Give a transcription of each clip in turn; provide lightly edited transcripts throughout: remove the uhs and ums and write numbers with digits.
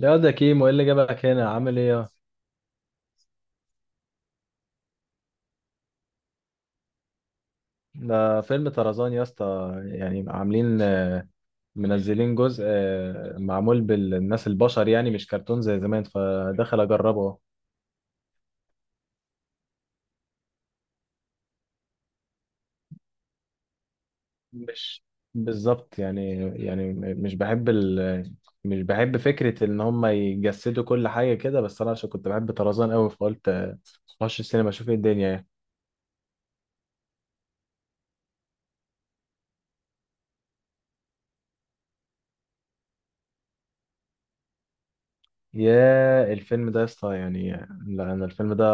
لا، ده كيمو. ايه اللي جابك هنا؟ عامل ايه ده فيلم طرزان يا اسطى. يعني عاملين، منزلين جزء، معمول بالناس البشر، يعني مش كرتون زي زمان، فدخل اجربه أهو. مش بالظبط يعني. يعني مش بحب فكرة ان هم يجسدوا كل حاجة كده، بس انا عشان كنت بحب طرزان قوي فقلت اخش السينما اشوف ايه الدنيا، يعني. يا، الفيلم ده يا اسطى، يعني لا، انا الفيلم ده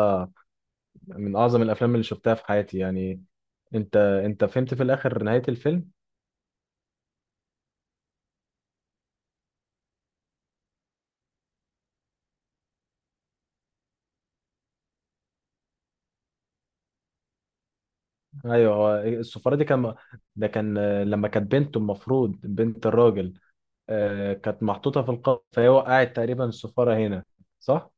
من اعظم الافلام اللي شفتها في حياتي، يعني. انت فهمت في الاخر نهاية الفيلم؟ ايوه، هو السفارة دي كان، ده كان لما كانت بنته، المفروض بنت الراجل، كانت محطوطة في القبر، فهي وقعت تقريبا السفارة هنا. صح.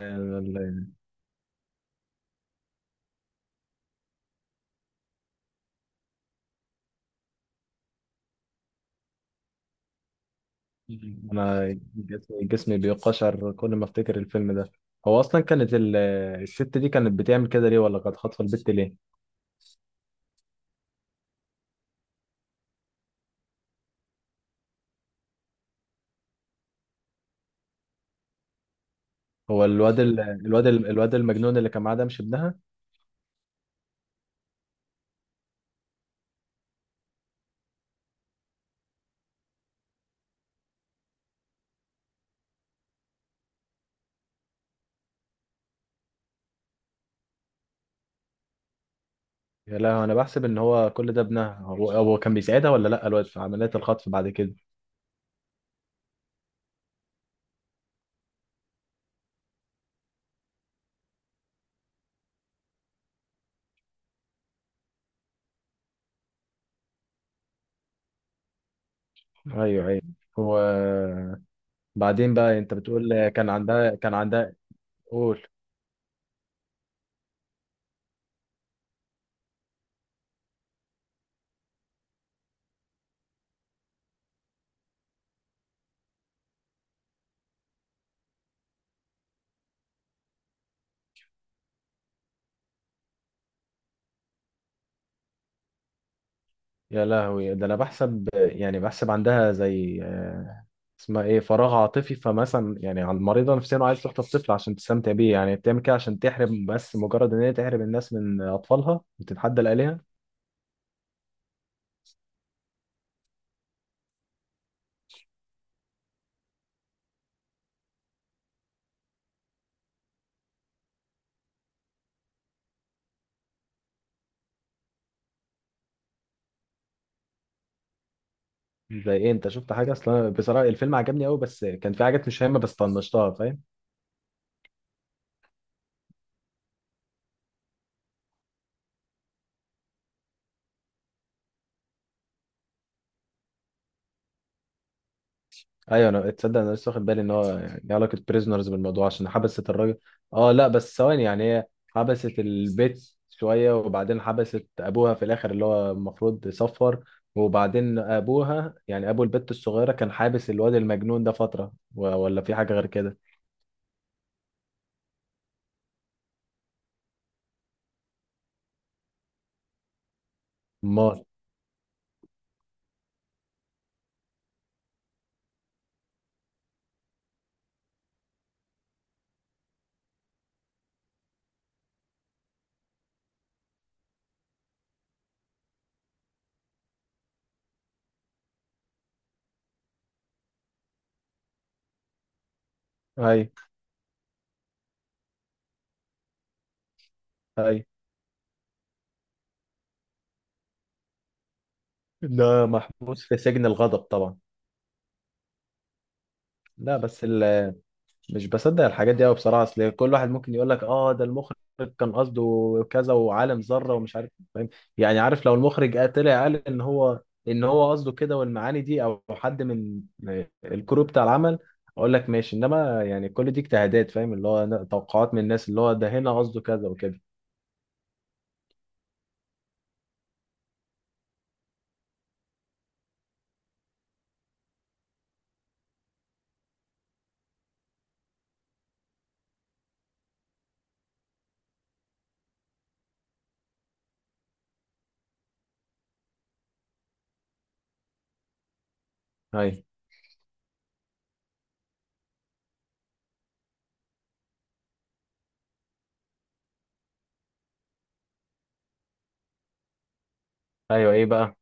آه، انا جسمي بيقشعر كل ما افتكر الفيلم ده. هو اصلا كانت الست دي كانت بتعمل كده ليه؟ ولا كانت خاطفه البت ليه؟ هو الواد المجنون اللي كان معاه ده مش ابنها؟ يا، لا، انا بحسب ان هو كل ده ابنها. هو كان بيساعدها، ولا لا، الواد في عمليات الخطف بعد كده؟ ايوه، ايوه. وبعدين بقى، انت بتقول كان عندها. قول. يا لهوي! ده انا بحسب، يعني بحسب عندها زي، اسمها ايه، فراغ عاطفي. فمثلا يعني، على المريضه نفسيا وعايز تخطف طفل عشان تستمتع بيه، يعني بتعمل كده عشان تحرم، بس مجرد ان هي تحرم الناس من اطفالها وتتحدى الالهه. زي ايه؟ انت شفت حاجه اصلا؟ بصراحه الفيلم عجبني قوي، بس كان في حاجات مش هامه بس طنشتها، فاهم؟ ايوه، انا تصدق، انا لسه واخد بالي ان هو يعني ليه علاقه بريزنرز بالموضوع، عشان حبست الراجل. اه، لا، بس ثواني يعني، هي حبست البيت شويه، وبعدين حبست ابوها في الاخر اللي هو المفروض يصفر، وبعدين ابوها يعني ابو البت الصغيره كان حابس الواد المجنون ده فتره، ولا في حاجه غير كده؟ امال. اي، اي. ده محبوس في سجن الغضب طبعا. لا، بس مش بصدق الحاجات دي قوي بصراحه. اصل كل واحد ممكن يقول لك اه، ده المخرج كان قصده كذا وعالم ذره ومش عارف، فاهم؟ يعني عارف، لو المخرج طلع قال ان هو، قصده كده والمعاني دي، او حد من الكرو بتاع العمل، اقول لك ماشي. انما يعني كل دي اجتهادات، فاهم، اللي هو توقعات من الناس، اللي هو ده هنا قصده كذا وكده. ايوه، ايوه. ايه بقى؟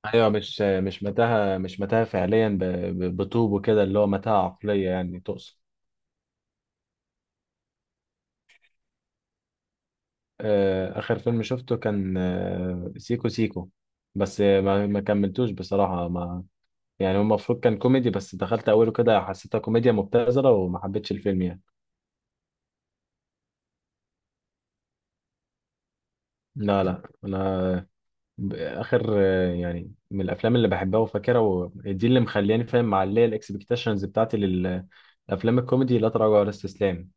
ايوه، مش متاهه، مش متاهه فعليا، بطوب وكده، اللي هو متاهه عقليه يعني تقصد. آخر فيلم شفته كان سيكو سيكو، بس ما كملتوش بصراحة. ما يعني هو المفروض كان كوميدي، بس دخلت أوله كده حسيتها كوميديا مبتذلة وما حبيتش الفيلم يعني. لا، لا، أنا آخر، يعني من الأفلام اللي بحبها وفاكرها، ودي اللي مخلياني فاهم، معلية الإكسبكتيشنز بتاعتي للأفلام الكوميدي، لا تراجع ولا استسلام.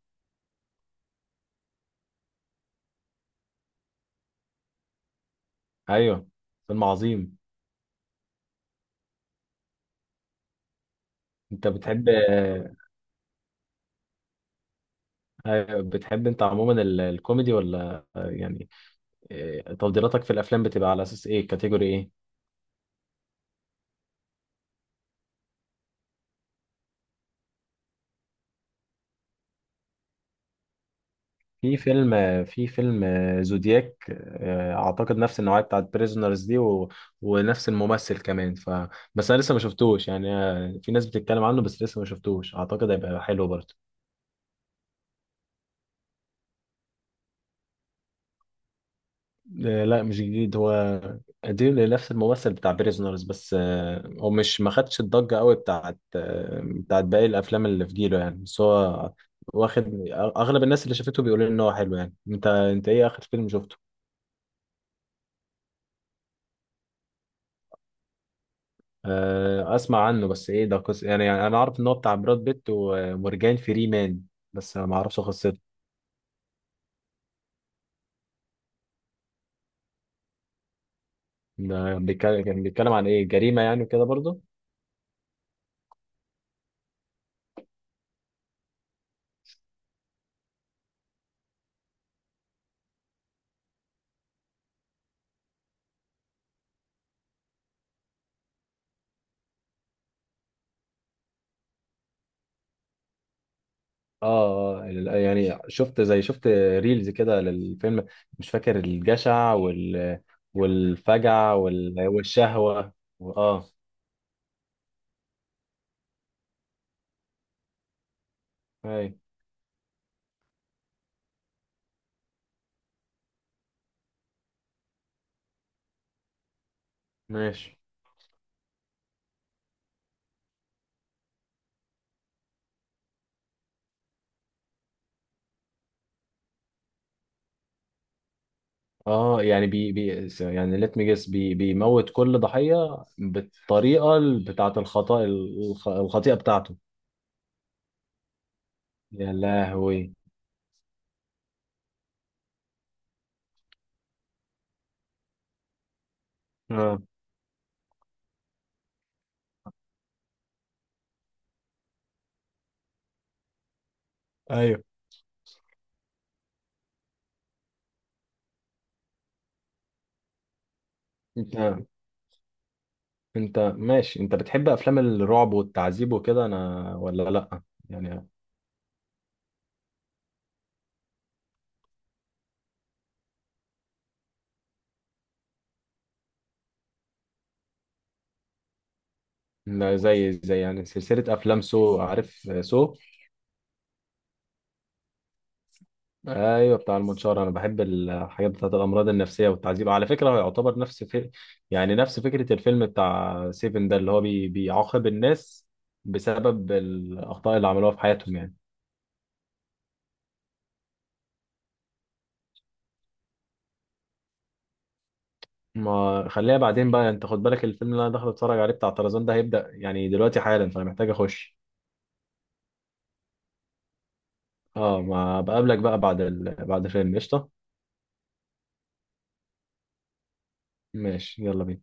أيوه، فيلم عظيم. أنت بتحب أيوة، بتحب أنت عموما الكوميدي، ولا يعني إيه، تفضيلاتك في الافلام بتبقى على اساس ايه، كاتيجوري ايه؟ في فيلم في فيلم زودياك، اعتقد نفس النوعيه بتاعت بريزونرز دي، و ونفس الممثل كمان، بس انا لسه ما شفتوش يعني. في ناس بتتكلم عنه بس لسه ما شفتوش، اعتقد هيبقى حلو برضه. لا، مش جديد، هو قديم لنفس الممثل بتاع بريزونرز. بس هو مش ما خدش الضجه قوي بتاعت بتاعت باقي الافلام اللي في جيله يعني، بس هو واخد. اغلب الناس اللي شافته بيقولوا ان هو حلو يعني. انت ايه اخر فيلم شفته؟ اسمع عنه، بس ايه ده، قصة يعني انا عارف ان هو بتاع براد بيت ومورجان فري مان، بس ما اعرفش قصته. ده كان بيتكلم عن ايه، جريمة يعني وكده برضه؟ اه، يعني شفت، زي، شفت ريلز كده للفيلم، مش فاكر، الجشع والفجع والشهوة. اه. اي، ماشي. اه، يعني بي يعني ليت مي جيس، بيموت كل ضحية بالطريقة بتاعة الخطأ، الخطيئة بتاعته. يا لهوي. اه. ايوه. انت انت ماشي، انت بتحب افلام الرعب والتعذيب وكده انا ولا لا؟ يعني. لا، زي يعني سلسله افلام سو، عارف سو؟ ايوه، بتاع المنشار. انا بحب الحاجات بتاعت الامراض النفسيه والتعذيب، على فكره هو يعتبر نفس يعني نفس فكره الفيلم بتاع سيفن ده، اللي هو بيعاقب الناس بسبب الاخطاء اللي عملوها في حياتهم، يعني. ما خليها بعدين بقى، يعني انت خد بالك الفيلم اللي انا داخل اتفرج عليه بتاع طرزان ده هيبدا يعني دلوقتي حالا، فانا محتاج اخش. اه، ما بقابلك بقى بعد بعد الفيلم، قشطة. ماشي، يلا بينا.